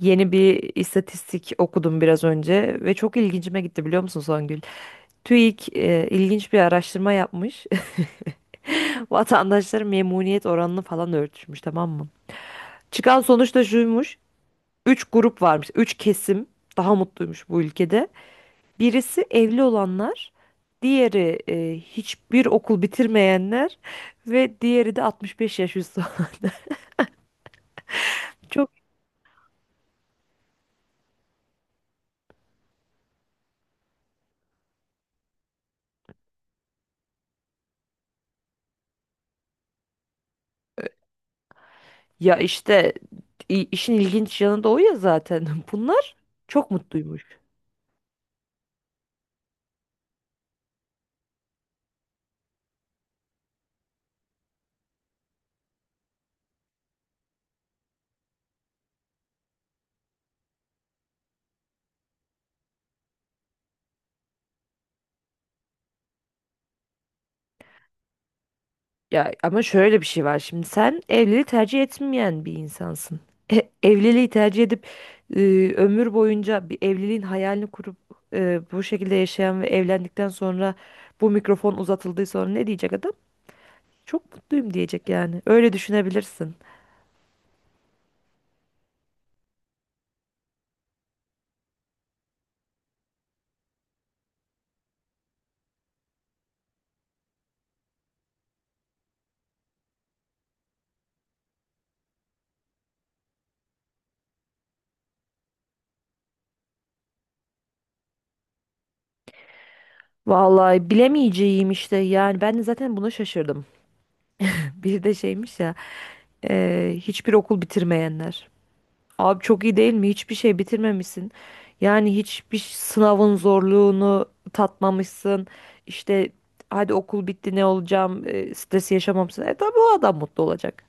Yeni bir istatistik okudum biraz önce ve çok ilgincime gitti biliyor musun Songül? TÜİK e, ilginç bir araştırma yapmış. Vatandaşların memnuniyet oranını falan ölçmüş, tamam mı? Çıkan sonuç da şuymuş. Üç grup varmış. Üç kesim daha mutluymuş bu ülkede. Birisi evli olanlar, diğeri hiçbir okul bitirmeyenler ve diğeri de 65 yaş üstü olanlar. Çok ya işte işin ilginç yanı da o ya zaten. Bunlar çok mutluymuş. Ya ama şöyle bir şey var, şimdi sen evliliği tercih etmeyen bir insansın. Evliliği tercih edip e, ömür boyunca bir evliliğin hayalini kurup bu şekilde yaşayan ve evlendikten sonra bu mikrofon uzatıldığı sonra ne diyecek adam? Çok mutluyum diyecek yani. Öyle düşünebilirsin. Vallahi bilemeyeceğim işte, yani ben de zaten buna şaşırdım. Bir de şeymiş ya, hiçbir okul bitirmeyenler. Abi çok iyi değil mi? Hiçbir şey bitirmemişsin. Yani hiçbir sınavın zorluğunu tatmamışsın. İşte hadi okul bitti, ne olacağım? E, stresi yaşamamışsın. E tabii o adam mutlu olacak.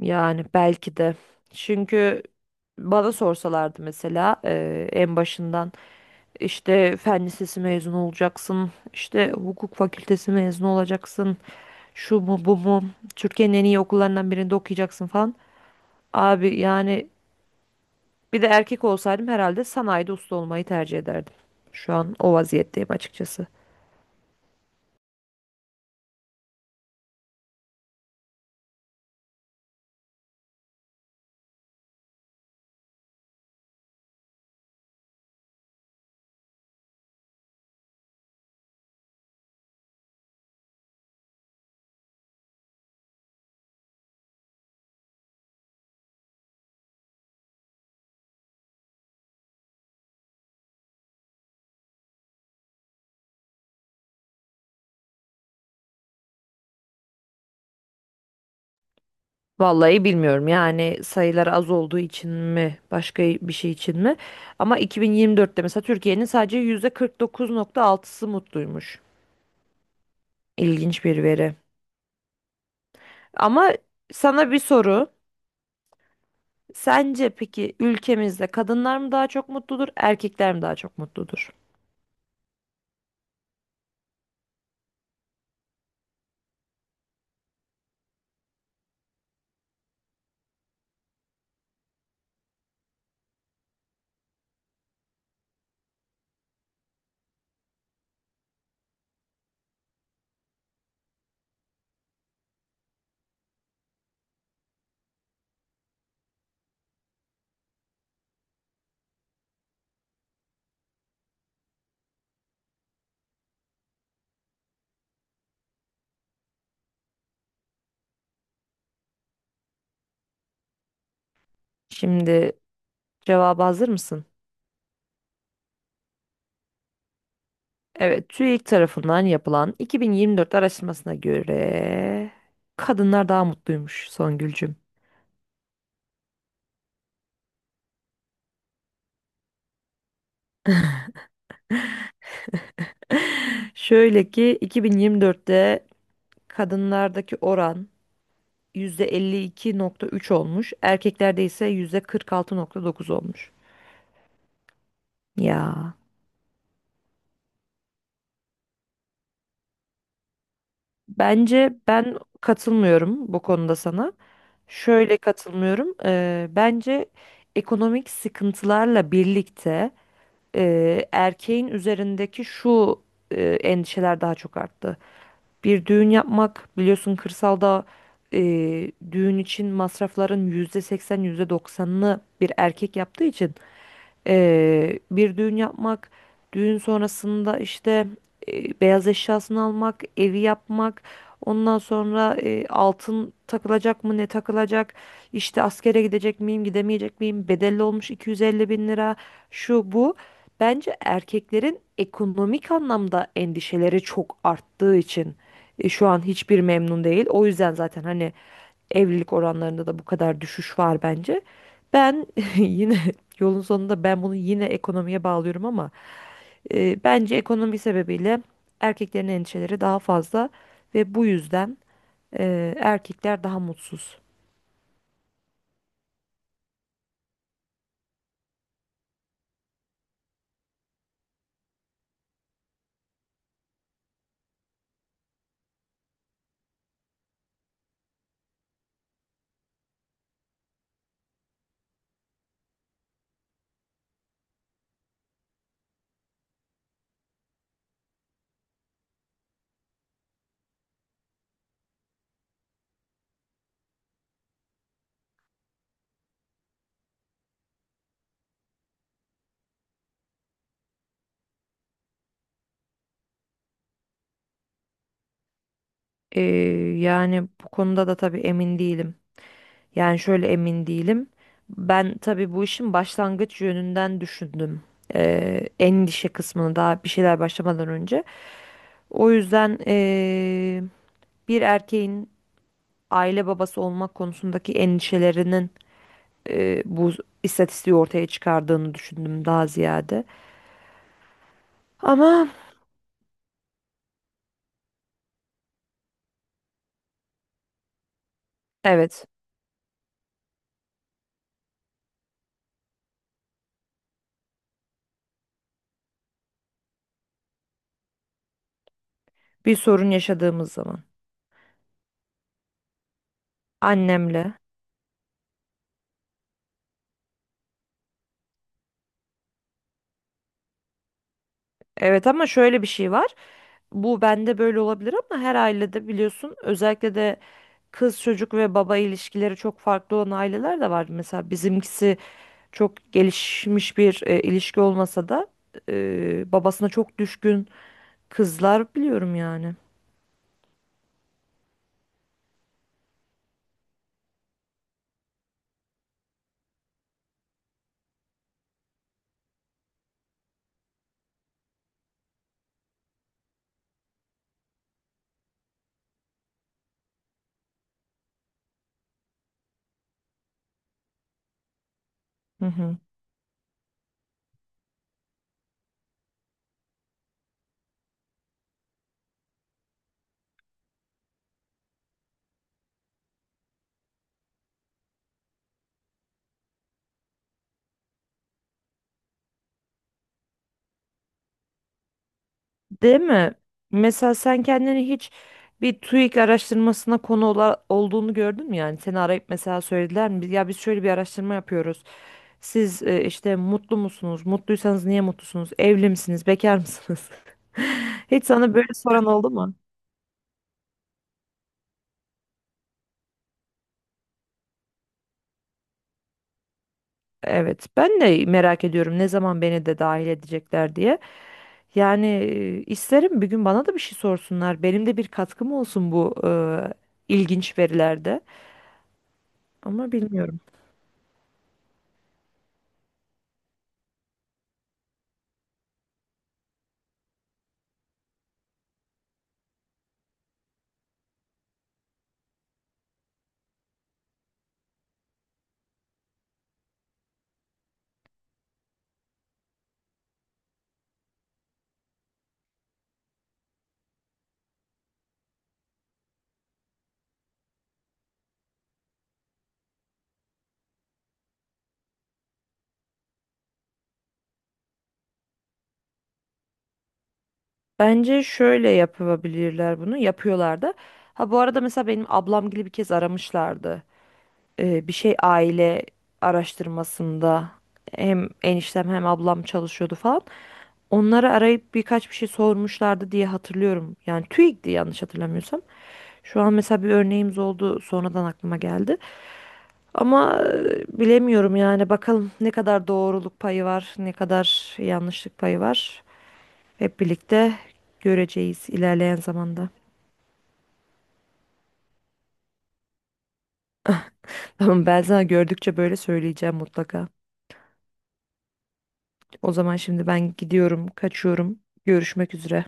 Yani belki de. Çünkü bana sorsalardı mesela en başından işte fen lisesi mezunu olacaksın, işte hukuk fakültesi mezunu olacaksın. Şu mu bu mu? Türkiye'nin en iyi okullarından birinde okuyacaksın falan. Abi yani bir de erkek olsaydım herhalde sanayide usta olmayı tercih ederdim. Şu an o vaziyetteyim açıkçası. Vallahi bilmiyorum yani, sayılar az olduğu için mi başka bir şey için mi? Ama 2024'te mesela Türkiye'nin sadece %49.6'sı mutluymuş. İlginç bir veri. Ama sana bir soru. Sence peki ülkemizde kadınlar mı daha çok mutludur, erkekler mi daha çok mutludur? Şimdi cevaba hazır mısın? Evet, TÜİK tarafından yapılan 2024 araştırmasına göre kadınlar daha mutluymuş Songülcüm. Şöyle ki 2024'te kadınlardaki oran %52.3 olmuş, erkeklerde ise %46.9 olmuş. Ya bence ben katılmıyorum bu konuda sana. Şöyle katılmıyorum. Bence ekonomik sıkıntılarla birlikte erkeğin üzerindeki şu endişeler daha çok arttı. Bir düğün yapmak biliyorsun kırsalda, e, düğün için masrafların %80 %90'ını bir erkek yaptığı için bir düğün yapmak, düğün sonrasında işte beyaz eşyasını almak, evi yapmak, ondan sonra altın takılacak mı, ne takılacak, işte askere gidecek miyim, gidemeyecek miyim, bedelli olmuş 250 bin lira, şu bu. Bence erkeklerin ekonomik anlamda endişeleri çok arttığı için şu an hiçbir memnun değil. O yüzden zaten hani evlilik oranlarında da bu kadar düşüş var bence. Ben yine yolun sonunda ben bunu yine ekonomiye bağlıyorum, ama bence ekonomi sebebiyle erkeklerin endişeleri daha fazla ve bu yüzden erkekler daha mutsuz. E, yani bu konuda da tabii emin değilim. Yani şöyle emin değilim. Ben tabii bu işin başlangıç yönünden düşündüm. E, endişe kısmını daha bir şeyler başlamadan önce. O yüzden bir erkeğin aile babası olmak konusundaki endişelerinin bu istatistiği ortaya çıkardığını düşündüm daha ziyade. Ama evet, bir sorun yaşadığımız zaman annemle. Evet ama şöyle bir şey var. Bu bende böyle olabilir, ama her ailede biliyorsun, özellikle de kız çocuk ve baba ilişkileri çok farklı olan aileler de var. Mesela bizimkisi çok gelişmiş bir ilişki olmasa da babasına çok düşkün kızlar biliyorum yani. Hı hı. Değil mi? Mesela sen kendini hiç bir TÜİK araştırmasına konu olduğunu gördün mü yani? Seni arayıp mesela söylediler mi? Ya biz şöyle bir araştırma yapıyoruz. Siz işte mutlu musunuz? Mutluysanız niye mutlusunuz? Evli misiniz? Bekar mısınız? Hiç sana böyle soran oldu mu? Evet, ben de merak ediyorum ne zaman beni de dahil edecekler diye. Yani isterim bir gün bana da bir şey sorsunlar. Benim de bir katkım olsun bu ilginç verilerde. Ama bilmiyorum. Bence şöyle yapabilirler bunu. Yapıyorlar da. Ha bu arada mesela benim ablam gibi bir kez aramışlardı. Bir şey aile araştırmasında hem eniştem hem ablam çalışıyordu falan. Onları arayıp birkaç bir şey sormuşlardı diye hatırlıyorum. Yani TÜİK'ti yanlış hatırlamıyorsam. Şu an mesela bir örneğimiz oldu, sonradan aklıma geldi. Ama bilemiyorum yani, bakalım ne kadar doğruluk payı var, ne kadar yanlışlık payı var. Hep birlikte göreceğiz ilerleyen zamanda. Tamam, ben sana gördükçe böyle söyleyeceğim mutlaka. O zaman şimdi ben gidiyorum, kaçıyorum. Görüşmek üzere.